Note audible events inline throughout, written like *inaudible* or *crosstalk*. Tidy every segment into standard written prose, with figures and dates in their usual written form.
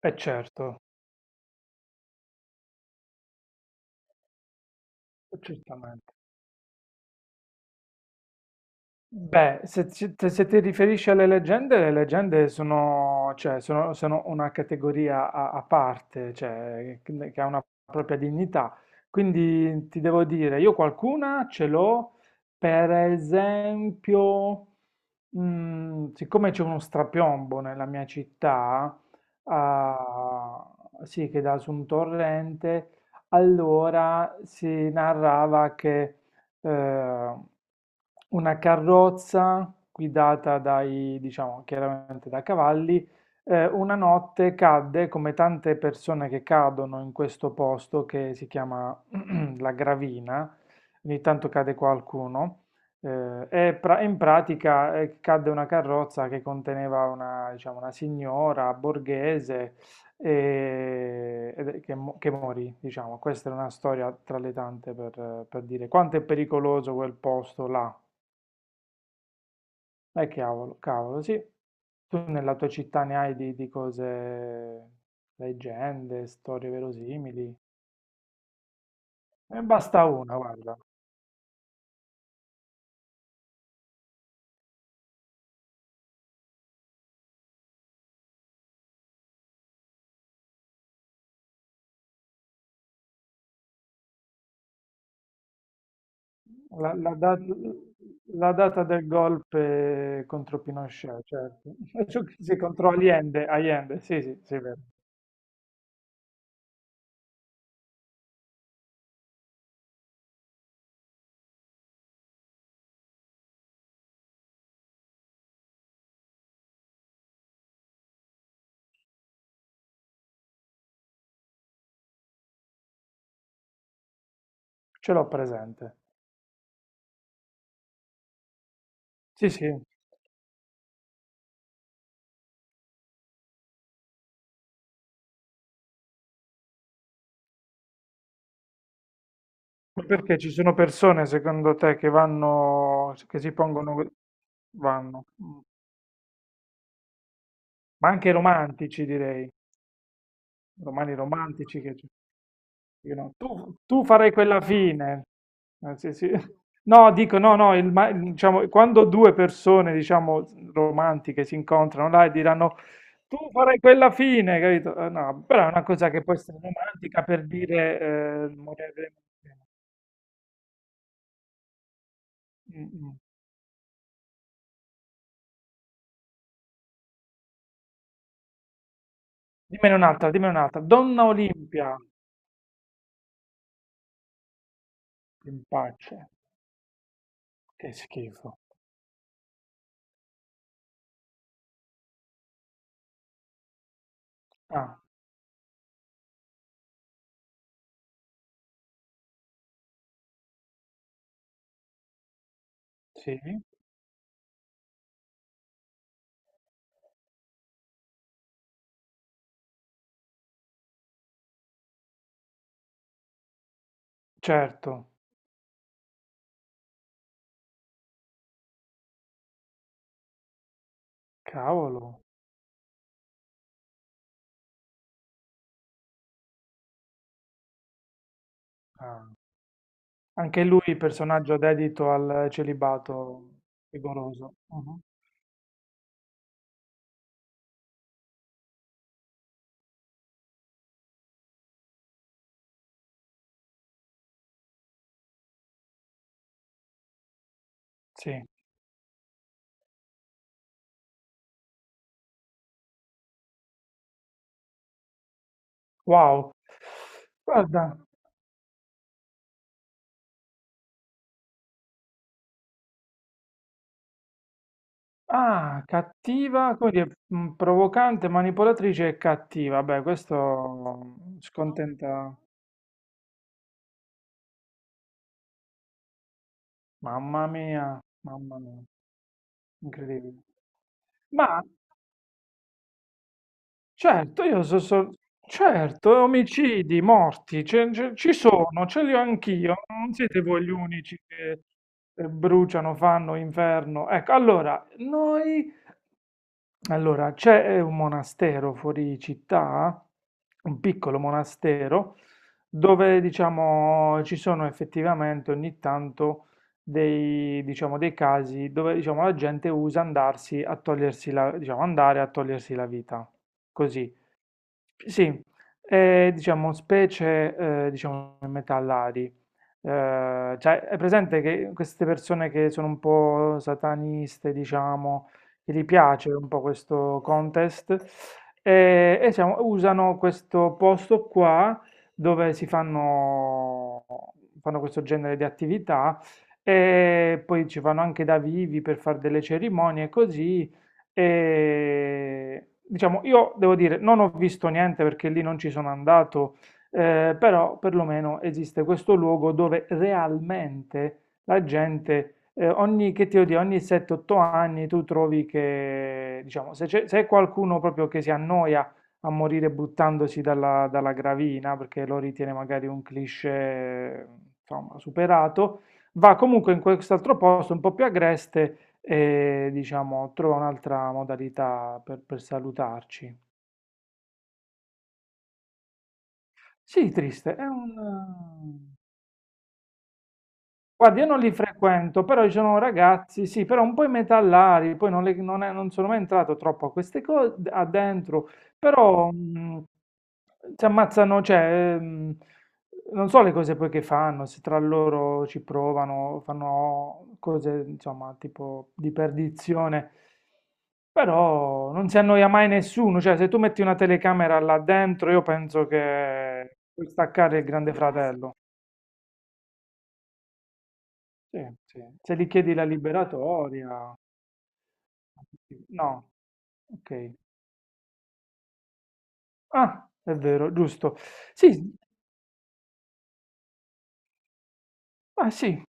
Eh certo, certamente. Beh, se, ci- te- se ti riferisci alle leggende, le leggende sono, cioè, sono una categoria a parte, cioè, che ha una propria dignità. Quindi ti devo dire, io qualcuna ce l'ho, per esempio, siccome c'è uno strapiombo nella mia città, ah, sì, che dà su un torrente, allora si narrava che eh, una carrozza guidata dai, diciamo, chiaramente da cavalli. Una notte cadde, come tante persone che cadono in questo posto che si chiama *clears throat* La Gravina, ogni tanto cade qualcuno. E in pratica, cadde una carrozza che conteneva una, diciamo, una signora borghese e, ed è- che, mo- che morì, diciamo. Questa è una storia tra le tante per dire quanto è pericoloso quel posto là. Cavolo, cavolo, sì. Tu nella tua città ne hai di cose, leggende, storie verosimili. Ne basta una, guarda. La, la da- la data del golpe contro Pinochet, certo. *laughs* Sì, contro Allende, Allende, sì, sì, sì, è vero. Ce l'ho presente. Sì, sì. Ma perché ci sono persone, secondo te, che vanno, che si pongono, vanno, ma anche romantici, direi, romani romantici io no. Tu, tu farai quella fine. Sì, sì. *laughs* No, dico, no, no, diciamo, quando due persone, diciamo, romantiche si incontrano là e diranno, tu farai quella fine, capito? No, però è una cosa che può essere romantica per dire, moriremo insieme. Mm, mm. Dimmene un'altra, dimmene un'altra. Donna Olimpia. In pace. Che schifo. Ah, sì? Certo. Cavolo. Ah. Anche lui personaggio dedito al celibato rigoroso. Mhm. Sì. Wow. Guarda. Ah, cattiva, come dire, provocante, manipolatrice e cattiva. Beh, questo scontenta. Mamma mia, incredibile. Ma certo, io so, certo, omicidi, morti, ci sono, ce li ho anch'io, non siete voi gli unici che bruciano, fanno inferno. Ecco, allora, noi, allora, c'è un monastero fuori città, un piccolo monastero, dove, diciamo, ci sono effettivamente ogni tanto dei, diciamo, dei casi dove, diciamo, la gente usa andarsi a togliersi la, diciamo, andare a togliersi la vita, così. Sì, è diciamo specie, diciamo metallari. Cioè è presente che queste persone che sono un po' sataniste, diciamo, che gli piace un po' questo contest, e diciamo usano questo posto qua dove si fanno questo genere di attività e poi ci vanno anche da vivi per far delle cerimonie e così e, diciamo, io devo dire, non ho visto niente perché lì non ci sono andato, però perlomeno esiste questo luogo dove realmente la gente, ogni, che ti devo dire, ogni 7-8 anni tu trovi che, diciamo, se è qualcuno proprio che si annoia a morire buttandosi dalla gravina, perché lo ritiene magari un cliché, insomma, superato, va comunque in quest'altro posto un po' più agreste e diciamo trova un'altra modalità per, salutarci. Sì, triste, è un. Guarda, io non li frequento, però ci sono ragazzi, sì, però un po' i metallari, poi non, le- non è- non sono mai entrato troppo a queste cose, a dentro, però si ammazzano, cioè, non so le cose poi che fanno, se tra loro ci provano, fanno cose, insomma, tipo di perdizione, però non si annoia mai nessuno, cioè, se tu metti una telecamera là dentro, io penso che puoi staccare il Grande Fratello. Sì, sì. Se gli chiedi la liberatoria, no, ok. Ah, è vero, giusto. Sì, ah sì,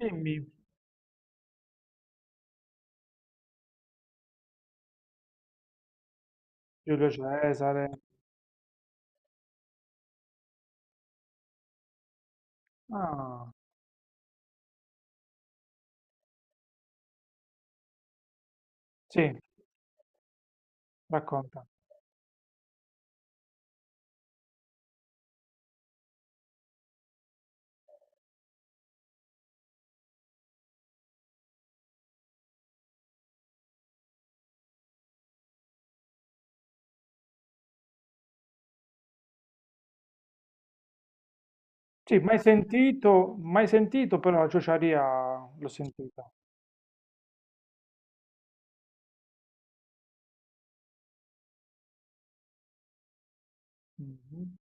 dimmi, Giulio Cesare. Ah, sì, racconta. Sì, mai sentito, mai sentito, però la ciociaria l'ho sentita. Mhm.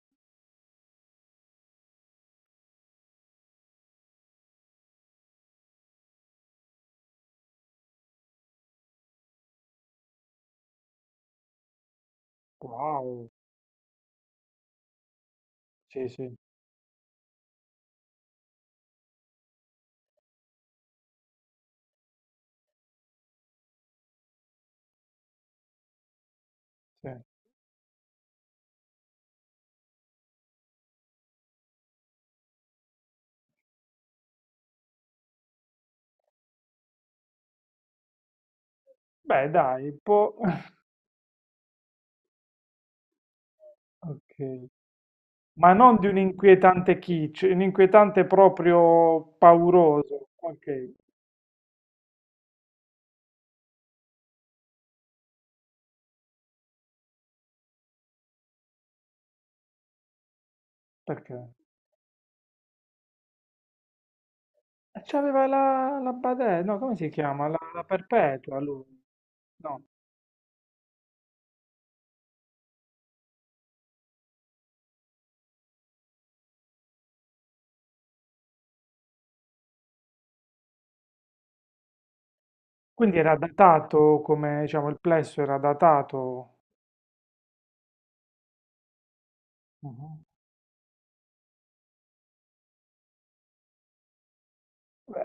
Wow, sì, sì, sì. Beh, dai, può. *laughs* Ok. Ma non di un inquietante kitsch, un inquietante proprio pauroso. Ok, perché? E c'aveva la Badè, no, come si chiama? La Perpetua, lui. No. Quindi era datato, come diciamo, il plesso era datato. Mhm.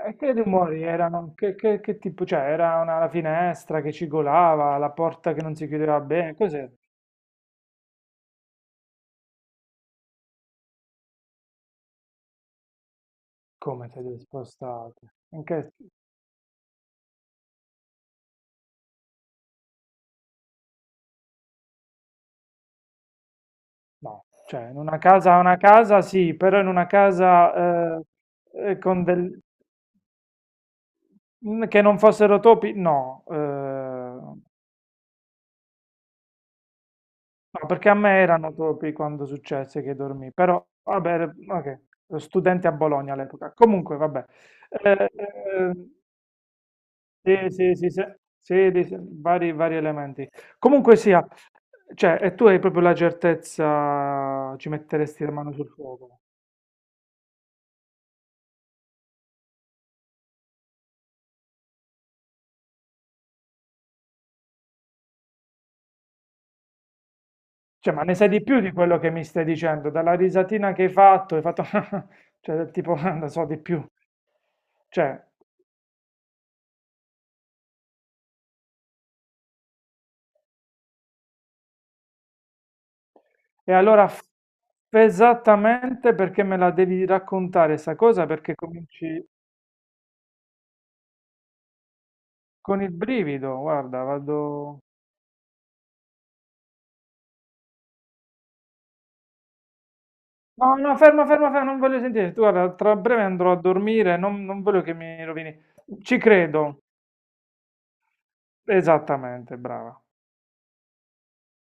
E che rumori erano? Che tipo? Cioè, era una, la finestra che cigolava, la porta che non si chiudeva bene, cos'è? Come te li spostate? No, cioè, in una casa sì, però in una casa con del. Che non fossero topi, no. No, perché a me erano topi quando successe che dormì, però vabbè, ok, ero studente a Bologna all'epoca. Comunque, vabbè. Eh, sì, sì, sì, sì, sì, sì, vari, vari elementi. Comunque sia, cioè, e tu hai proprio la certezza, ci metteresti la mano sul fuoco. Cioè, ma ne sai di più di quello che mi stai dicendo, dalla risatina che hai fatto, *laughs* cioè, tipo, *laughs* non so, di più. Cioè, E allora f- esattamente perché me la devi raccontare sta cosa, perché cominci con il brivido, guarda, vado. No, no, ferma, ferma, ferma, non voglio sentire. Tu, guarda, tra breve andrò a dormire, non voglio che mi rovini. Ci credo. Esattamente, brava.